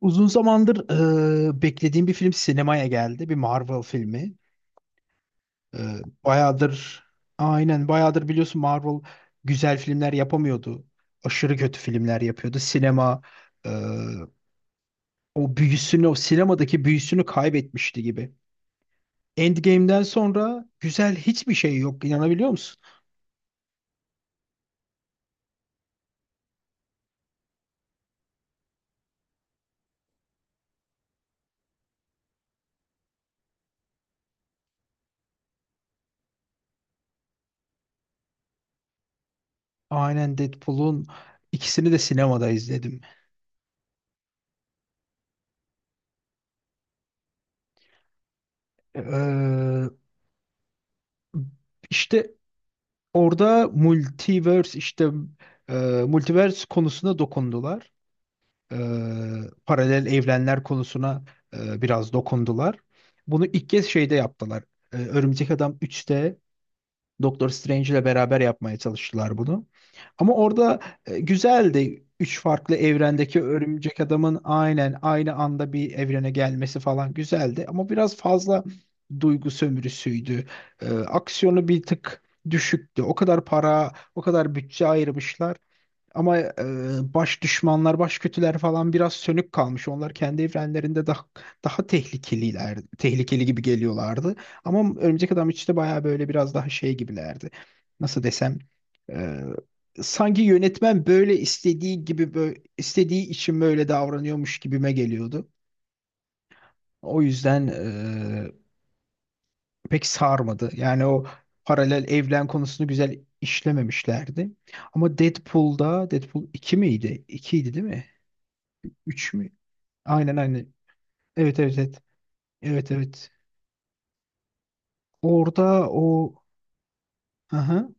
Uzun zamandır beklediğim bir film sinemaya geldi. Bir Marvel filmi. E, bayağıdır aynen bayağıdır biliyorsun Marvel güzel filmler yapamıyordu. Aşırı kötü filmler yapıyordu. Sinema e, o büyüsünü, o sinemadaki büyüsünü kaybetmişti gibi. Endgame'den sonra güzel hiçbir şey yok. İnanabiliyor musun? Aynen Deadpool'un ikisini de sinemada izledim. E, işte orada e, multiverse konusuna dokundular. E, Paralel evrenler konusuna biraz dokundular. Bunu ilk kez şeyde yaptılar. Örümcek Adam 3'te Doktor Strange ile beraber yapmaya çalıştılar bunu. Ama orada güzeldi. Üç farklı evrendeki örümcek adamın aynen aynı anda bir evrene gelmesi falan güzeldi. Ama biraz fazla duygu sömürüsüydü. Aksiyonu bir tık düşüktü. O kadar para, o kadar bütçe ayırmışlar. Ama baş düşmanlar, baş kötüler falan biraz sönük kalmış. Onlar kendi evrenlerinde daha tehlikeliler, tehlikeli gibi geliyorlardı. Ama Örümcek Adam 3'te bayağı böyle biraz daha şey gibilerdi. Nasıl desem, e, sanki yönetmen böyle istediği gibi böyle, istediği için böyle davranıyormuş gibime geliyordu. O yüzden pek sarmadı. Yani o paralel evren konusunu güzel işlememişlerdi. Ama Deadpool'da Deadpool 2 miydi? 2 değil mi? Üç mü? Aynen, aynen. Evet, evet, evet. Evet, evet. Orada o. Hı.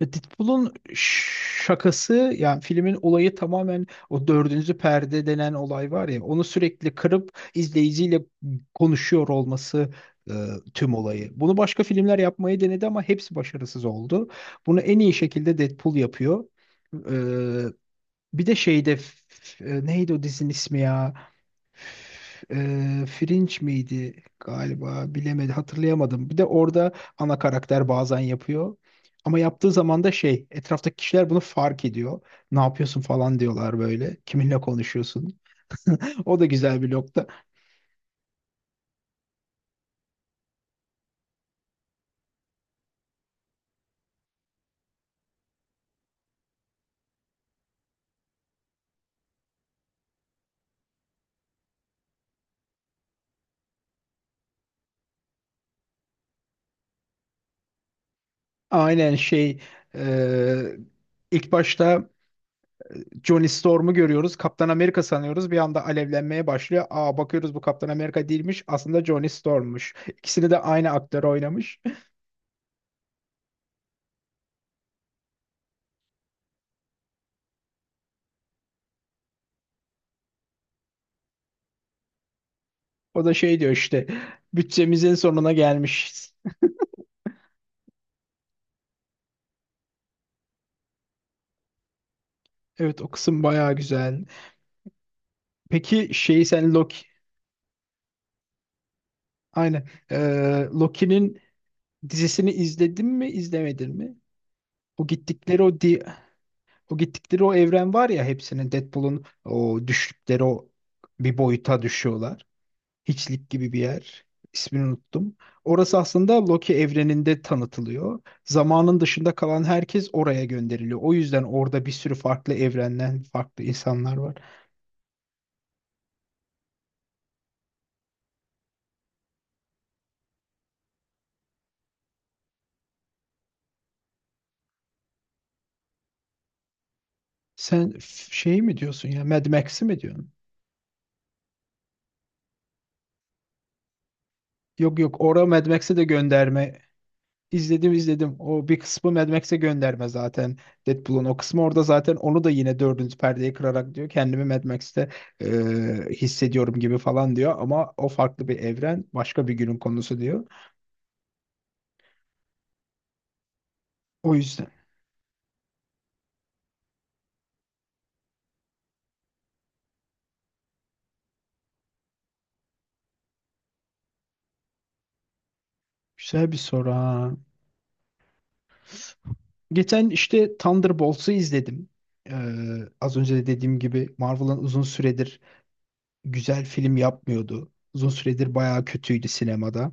Ya Deadpool'un şakası yani filmin olayı tamamen o dördüncü perde denen olay var ya onu sürekli kırıp izleyiciyle konuşuyor olması e, tüm olayı. Bunu başka filmler yapmayı denedi ama hepsi başarısız oldu. Bunu en iyi şekilde Deadpool yapıyor. E, Bir de şeyde neydi o dizinin ismi ya? Fringe miydi galiba, bilemedim, hatırlayamadım. Bir de orada ana karakter bazen yapıyor. Ama yaptığı zaman da şey etraftaki kişiler bunu fark ediyor. Ne yapıyorsun falan diyorlar böyle. Kiminle konuşuyorsun? O da güzel bir nokta. Aynen şey. eee, ilk başta Johnny Storm'u görüyoruz. Kaptan Amerika sanıyoruz. Bir anda alevlenmeye başlıyor. Aa, bakıyoruz bu Kaptan Amerika değilmiş. Aslında Johnny Storm'muş. İkisini de aynı aktör oynamış. O da şey diyor işte, bütçemizin sonuna gelmişiz. Evet, o kısım bayağı güzel. Peki şey, sen Loki aynen. Loki'nin dizisini izledin mi izlemedin mi? O gittikleri o o gittikleri o evren var ya, hepsinin Deadpool'un o düştükleri o, bir boyuta düşüyorlar. Hiçlik gibi bir yer. İsmini unuttum. Orası aslında Loki evreninde tanıtılıyor. Zamanın dışında kalan herkes oraya gönderiliyor. O yüzden orada bir sürü farklı evrenden farklı insanlar var. Sen şey mi diyorsun ya, Mad Max'i mi diyorsun? Yok, yok, ora Mad Max'e de gönderme. İzledim, izledim. O bir kısmı Mad Max'e gönderme zaten. Deadpool'un o kısmı orada zaten onu da yine dördüncü perdeyi kırarak diyor. Kendimi Mad Max'te e, hissediyorum gibi falan diyor. Ama o farklı bir evren. Başka bir günün konusu diyor. O yüzden. Güzel bir soru ha. Geçen işte Thunderbolts'u izledim. E, Az önce de dediğim gibi Marvel'ın uzun süredir güzel film yapmıyordu. Uzun süredir bayağı kötüydü sinemada.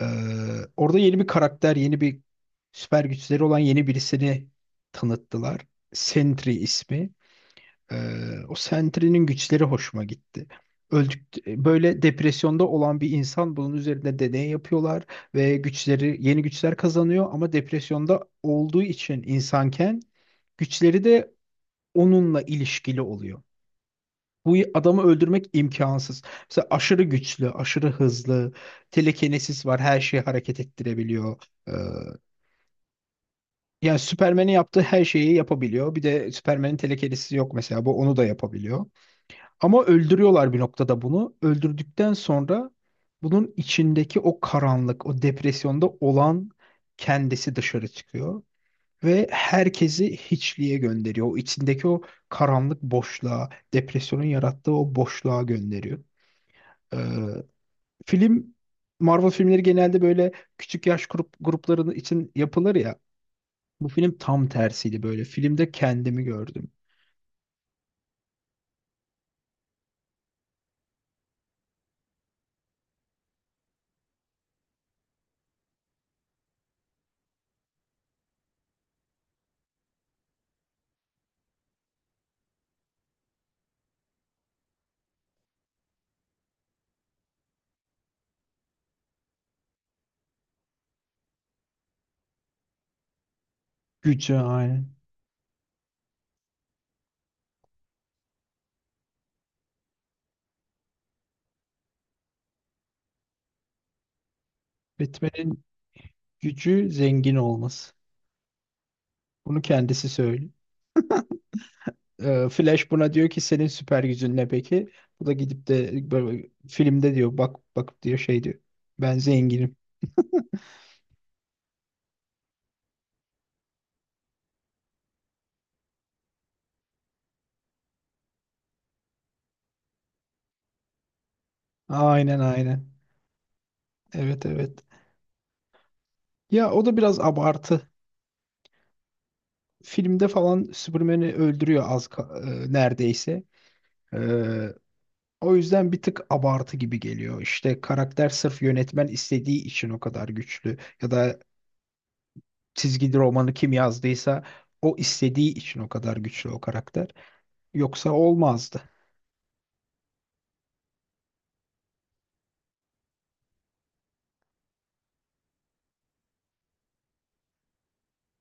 Ee, Orada yeni bir karakter, yeni bir süper güçleri olan yeni birisini tanıttılar. Sentry ismi. O Sentry'nin güçleri hoşuma gitti. Öldük, böyle depresyonda olan bir insan bunun üzerinde deney yapıyorlar ve güçleri, yeni güçler kazanıyor ama depresyonda olduğu için insanken güçleri de onunla ilişkili oluyor. Bu adamı öldürmek imkansız. Mesela aşırı güçlü, aşırı hızlı, telekinesis var, her şeyi hareket ettirebiliyor. Ee, Yani Superman'in yaptığı her şeyi yapabiliyor. Bir de Superman'in telekinesisi yok mesela, bu onu da yapabiliyor. Ama öldürüyorlar bir noktada bunu. Öldürdükten sonra bunun içindeki o karanlık, o depresyonda olan kendisi dışarı çıkıyor. Ve herkesi hiçliğe gönderiyor. O içindeki o karanlık boşluğa, depresyonun yarattığı o boşluğa gönderiyor. Ee, Film, Marvel filmleri genelde böyle küçük yaş gruplarının için yapılır ya. Bu film tam tersiydi böyle. Filmde kendimi gördüm. Gücü aynen. Batman'in gücü zengin olması. Bunu kendisi söylüyor. Flash buna diyor ki senin süper gücün ne peki? Bu da gidip de böyle filmde diyor, bak bakıp diyor şey diyor. Ben zenginim. Aynen, aynen. Evet, evet. Ya o da biraz abartı. Filmde falan Superman'i öldürüyor neredeyse. Ee, O yüzden bir tık abartı gibi geliyor. İşte karakter sırf yönetmen istediği için o kadar güçlü ya da çizgi romanı kim yazdıysa o istediği için o kadar güçlü o karakter. Yoksa olmazdı.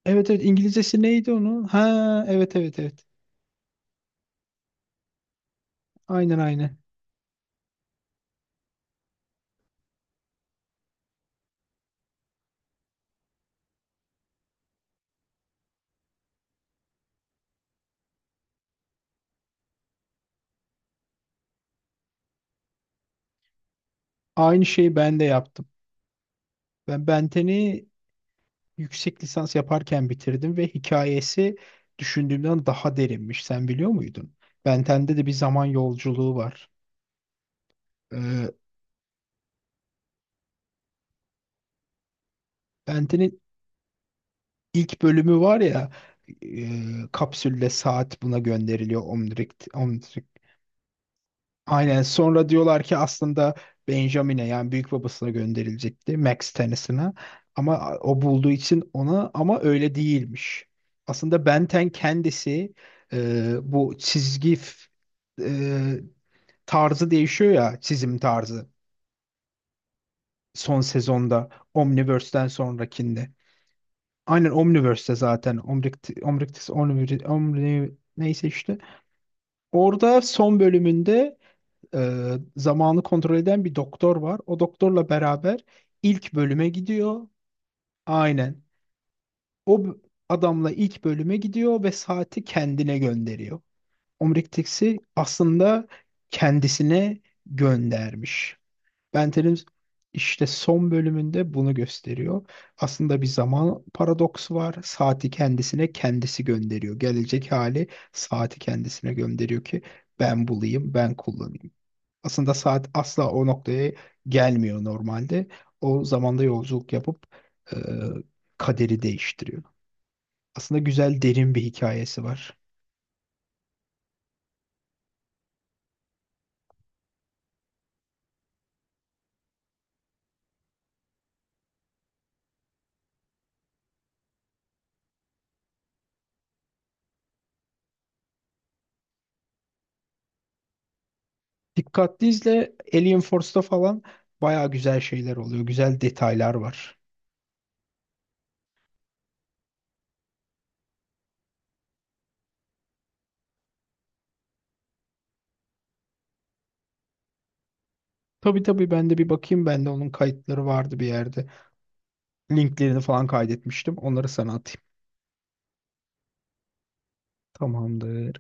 Evet, evet, İngilizcesi neydi onun? Ha, evet, evet, evet. Aynen, aynen. Aynı şeyi ben de yaptım. Ben Benten'i yüksek lisans yaparken bitirdim ve hikayesi düşündüğümden daha derinmiş. Sen biliyor muydun? Benten'de de bir zaman yolculuğu var. Ee, Benten'in İlk bölümü var ya, kapsülle saat buna gönderiliyor, Omnitrix, Omnitrix. Aynen, sonra diyorlar ki aslında Benjamin'e yani büyük babasına gönderilecekti, Max Tennison'a, ama o bulduğu için ona, ama öyle değilmiş. Aslında Benten kendisi e, bu çizgi f- e, tarzı değişiyor ya, çizim tarzı, son sezonda Omniverse'den sonrakinde. Aynen Omniverse'te zaten. Omni neyse işte. Orada son bölümünde e, zamanı kontrol eden bir doktor var. O doktorla beraber ilk bölüme gidiyor. Aynen. O b- Adamla ilk bölüme gidiyor ve saati kendine gönderiyor. Omnictis'i aslında kendisine göndermiş. Bentel'in işte son bölümünde bunu gösteriyor. Aslında bir zaman paradoksu var. Saati kendisine kendisi gönderiyor. Gelecek hali saati kendisine gönderiyor ki ben bulayım, ben kullanayım. Aslında saat asla o noktaya gelmiyor normalde. O zamanda yolculuk yapıp e, kaderi değiştiriyor. Aslında güzel, derin bir hikayesi var. Dikkatli izle, Alien Force'da falan baya güzel şeyler oluyor. Güzel detaylar var. Tabii, tabii, ben de bir bakayım. Bende onun kayıtları vardı bir yerde. Linklerini falan kaydetmiştim. Onları sana atayım. Tamamdır.